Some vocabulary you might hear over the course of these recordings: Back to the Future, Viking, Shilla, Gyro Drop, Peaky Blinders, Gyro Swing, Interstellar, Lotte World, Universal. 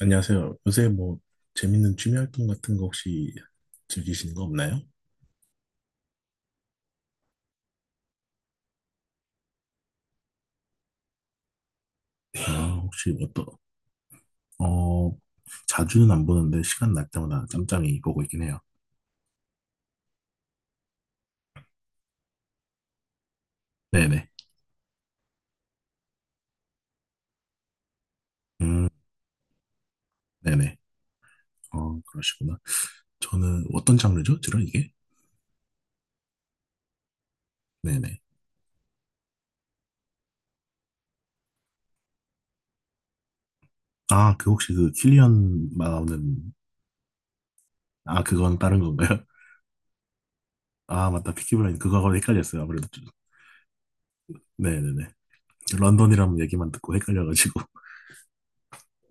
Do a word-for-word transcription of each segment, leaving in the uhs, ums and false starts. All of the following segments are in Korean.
안녕하세요. 요새 뭐 재밌는 취미 활동 같은 거 혹시 즐기시는 거 없나요? 아, 혹시 어떤, 어, 자주는 안 보는데 시간 날 때마다 짬짬이 보고 있긴 해요. 네네. 음, 네네. 어, 그러시구나. 저는 어떤 장르죠? 주로 이게? 네네. 아, 그 혹시 그 킬리언 나오는, 아, 그건 다른 건가요? 아, 맞다. 피키 블라인드. 그거하고 헷갈렸어요. 아무래도. 좀- 네네네. 런던이라는 얘기만 듣고 헷갈려가지고.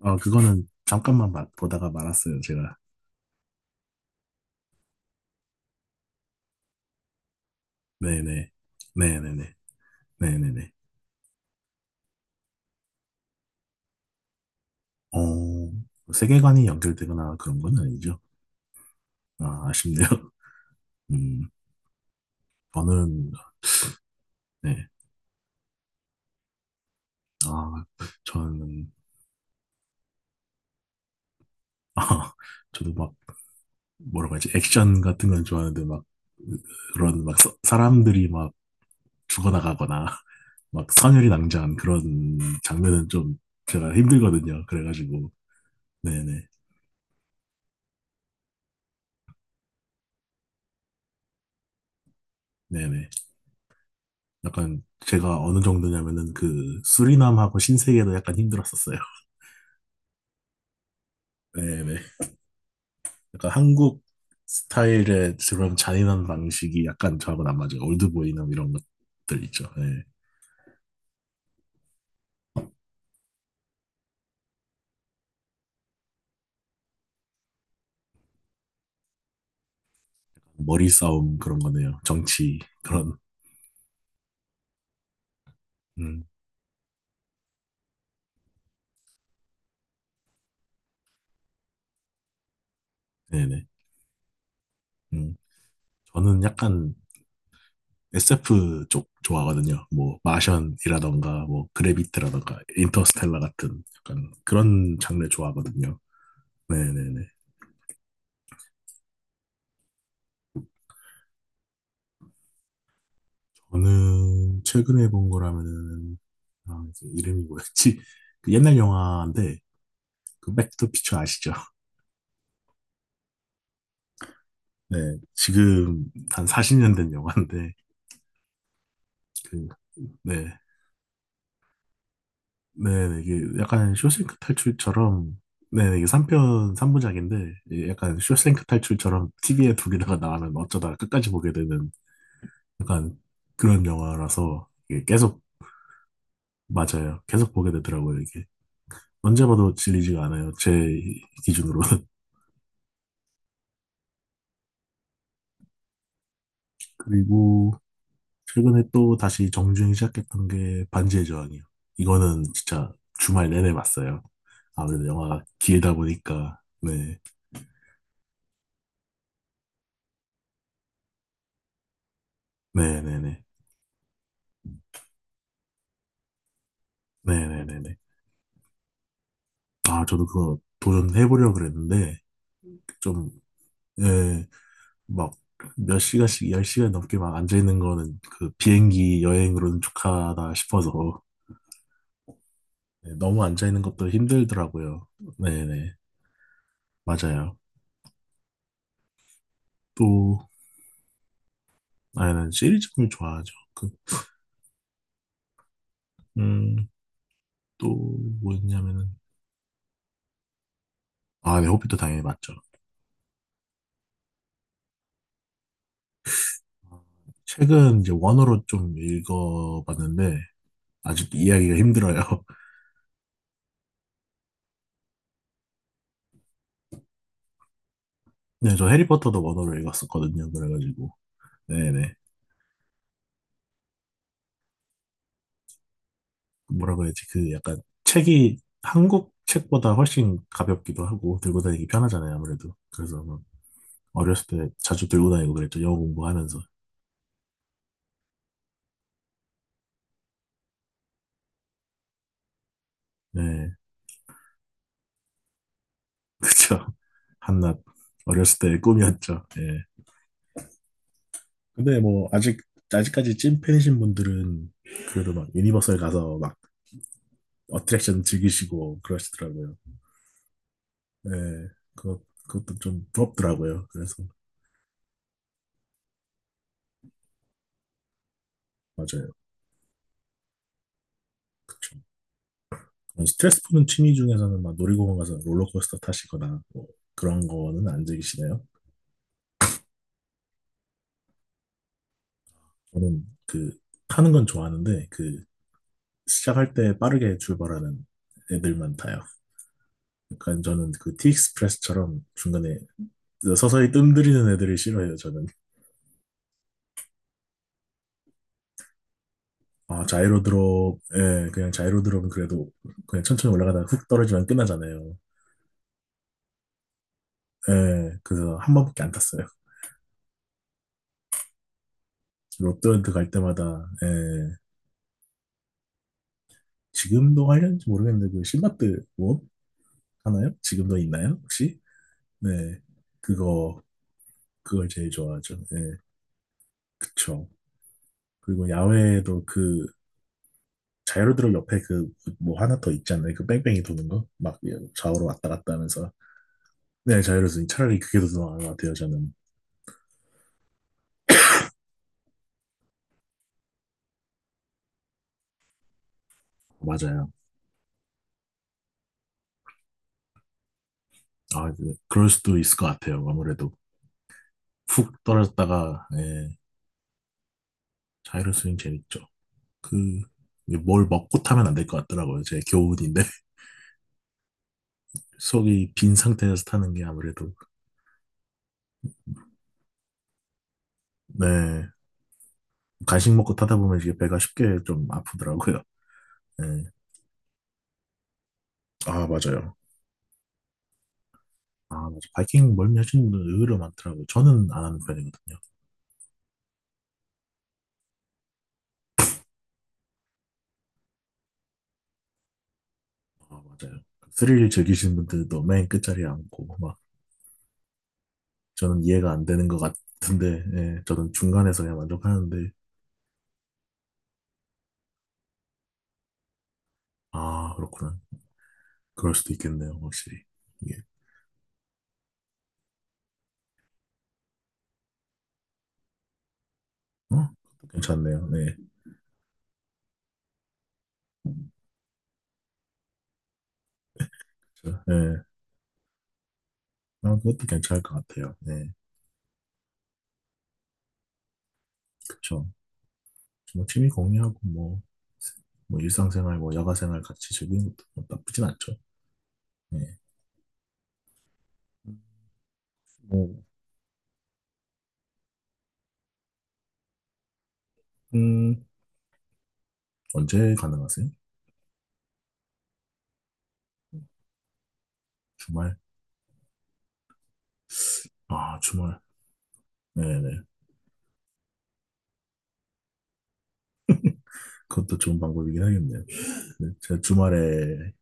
아, 그거는 잠깐만 마- 보다가 말았어요. 제가. 네네. 네네네. 네네네. 어, 세계관이 연결되거나 그런 건 아니죠. 아, 아쉽네요. 음, 저는, 네. 아, 저는, 아, 저도 막, 뭐라고 하지, 액션 같은 건 좋아하는데, 막, 그런, 막, 서- 사람들이 막 죽어나가거나, 막, 선혈이 낭자한 그런 장면은 좀 제가 힘들거든요. 그래가지고, 네네. 네네. 약간, 제가 어느 정도냐면은, 그, 수리남하고 신세계도 약간 힘들었었어요. 네네. 약간 한국 스타일의 그런 잔인한 방식이 약간 저하고는 안 맞아요. 올드보이나 이런 것들 있죠. 네. 머리 싸움 그런 거네요. 정치 그런. 음, 네네. 음. 저는 약간 에스에프 쪽 좋아하거든요. 뭐 마션이라던가 뭐 그래비티라던가 인터스텔라 같은 약간 그런 장르 좋아하거든요. 네네네. 저는 최근에 본 거라면은 아, 이제 이름이 뭐였지? 그 옛날 영화인데 그 백투피처 아시죠? 네, 지금 한 사십 년 된 영화인데, 그, 네, 네, 네, 이게 약간 쇼생크 탈출처럼, 네, 네, 이게 삼 편, 삼 부작인데, 약간 쇼생크 탈출처럼 티브이에 두 개다가 나가면 어쩌다 끝까지 보게 되는 약간 그런 영화라서, 이게 계속, 맞아요. 계속 보게 되더라고요, 이게. 언제 봐도 질리지가 않아요, 제 기준으로는. 그리고, 최근에 또 다시 정주행 시작했던 게 반지의 저항이요. 이거는 진짜 주말 내내 봤어요. 아무래도 영화가 길다 보니까, 네, 네네네. 네네네네. 아, 저도 그거 도전해보려고 그랬는데, 그 좀, 예, 막, 몇 시간씩, 열 시간 넘게 막 앉아있는 거는 그 비행기 여행으로는 족하다 싶어서, 네, 너무 앉아있는 것도 힘들더라고요. 네네. 맞아요. 또, 아, 는 시리즈물 좋아하죠. 그, 음, 또 뭐였냐면은 아, 네, 호빗도 당연히 맞죠. 아, 책은 이제 원어로 좀 읽어봤는데 아직도 이해하기가 힘들어요. 네, 저 해리포터도 원어로 읽었었거든요. 그래가지고 네네. 뭐라 고 해야지 그 약간 책이 한국 책보다 훨씬 가볍기도 하고 들고 다니기 편하잖아요. 아무래도 그래서 뭐 어렸을 때 자주 들고 다니고 그랬죠. 영어 공부하면서 네. 그쵸. 한낱 어렸을 때의 꿈이었죠. 예. 근데 뭐 아직 아직까지 찐팬이신 분들은 그래도 막 유니버설 가서 막 어트랙션 즐기시고 그러시더라고요. 네, 그것 그것도 좀 부럽더라고요. 그래서 맞아요, 그쵸. 그런 스트레스 푸는 취미 중에서는 막 놀이공원 가서 롤러코스터 타시거나 뭐 그런 거는 안 즐기시나요? 저는 그 타는 건 좋아하는데 그 시작할 때 빠르게 출발하는 애들만 타요. 그러니까 저는 그 티익스프레스처럼 중간에 서서히 뜸들이는 애들을 싫어해요. 저는. 아, 자이로 드롭, 예, 그냥 자이로 드롭은 그래도 그냥 천천히 올라가다가 훅 떨어지면 끝나잖아요. 예, 그래서 한 번밖에 안 탔어요. 롯데월드 갈 때마다, 예, 지금도 하려는지 모르겠는데, 그 신라트 뭐 하나요? 지금도 있나요? 혹시? 네, 그거, 그걸 제일 좋아하죠. 예, 그쵸. 그리고 야외에도 그 자이로 드롭 옆에 그 뭐 하나 더 있잖아요. 그 뺑뺑이 도는 거? 막 좌우로 왔다 갔다 하면서. 네, 자이로 드롭 차라리 그게 더 나은 것 같아요, 저는. 맞아요. 아, 네. 그럴 수도 있을 것 같아요. 아무래도 훅 떨어졌다가 예, 자이로 스윙 재밌죠. 그 뭘 먹고 타면 안 될 것 같더라고요. 제 교훈인데 속이 빈 상태에서 타는 게 아무래도 네. 간식 먹고 타다 보면 이게 배가 쉽게 좀 아프더라고요. 예. 아 맞아요. 아 맞아. 바이킹 멀미 하시는 분들 의외로 많더라고요. 저는 안 하는 편이거든요. 아 맞아요. 스릴 즐기시는 분들도 맨 끝자리에 앉고 막 저는 이해가 안 되는 것 같은데 예, 저는 중간에서 그냥 만족하는데 아, 그렇구나. 그럴 수도 있겠네요, 확실히. 이게, 어? 그것도 괜찮네요. 네. 저, 네. 아, 그것도 괜찮을 것 같아요. 네. 그쵸. 뭐, 취미 공유하고, 뭐, 뭐, 일상생활, 뭐, 야가생활 같이 즐기는 것도 뭐 나쁘진 않죠. 네. 뭐, 음, 언제 가능하세요? 주말? 아, 주말. 네네. 그것도 좋은 방법이긴 하겠네요. 네. 제가 주말에,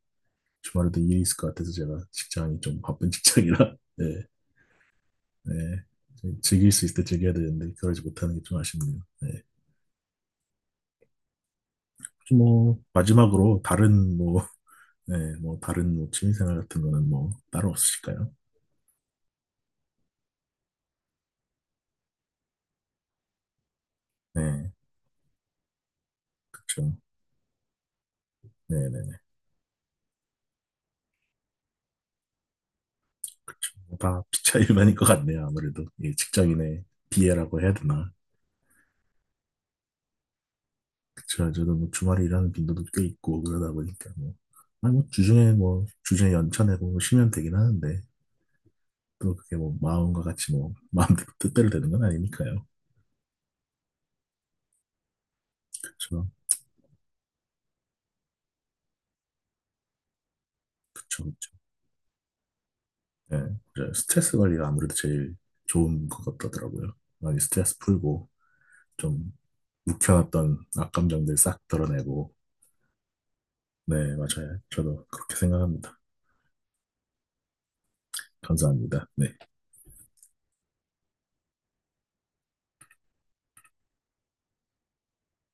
주말에도 일이 있을 것 같아서 제가 직장이 좀 바쁜 직장이라, 네. 네. 즐길 수 있을 때 즐겨야 되는데 그러지 못하는 게 좀 아쉽네요. 네. 혹시 뭐 마지막으로 다른 뭐, 네, 뭐 다른 뭐 취미생활 같은 거는 뭐 따로 없으실까요? 네, 그렇죠. 네, 네, 네, 그렇죠. 뭐다 피차일반인 것 같네요. 아무래도 이 직장인의 비애라고 해야 되나? 그렇죠. 저도 뭐 주말에 일하는 빈도도 꽤 있고 그러다 보니까 뭐, 아니 뭐 주중에 뭐 주중에 연차 내고 뭐 쉬면 되긴 하는데 또 그게 뭐 마음과 같이 뭐 마음대로 뜻대로 되는 건 아니니까요. 그렇죠, 그렇죠, 그렇죠. 예, 그래서 스트레스 관리가 아무래도 제일 좋은 것 같더라고요. 많이 스트레스 풀고, 좀 묵혀놨던 악감정들 싹 덜어내고, 네, 맞아요. 저도 그렇게 생각합니다. 감사합니다. 네.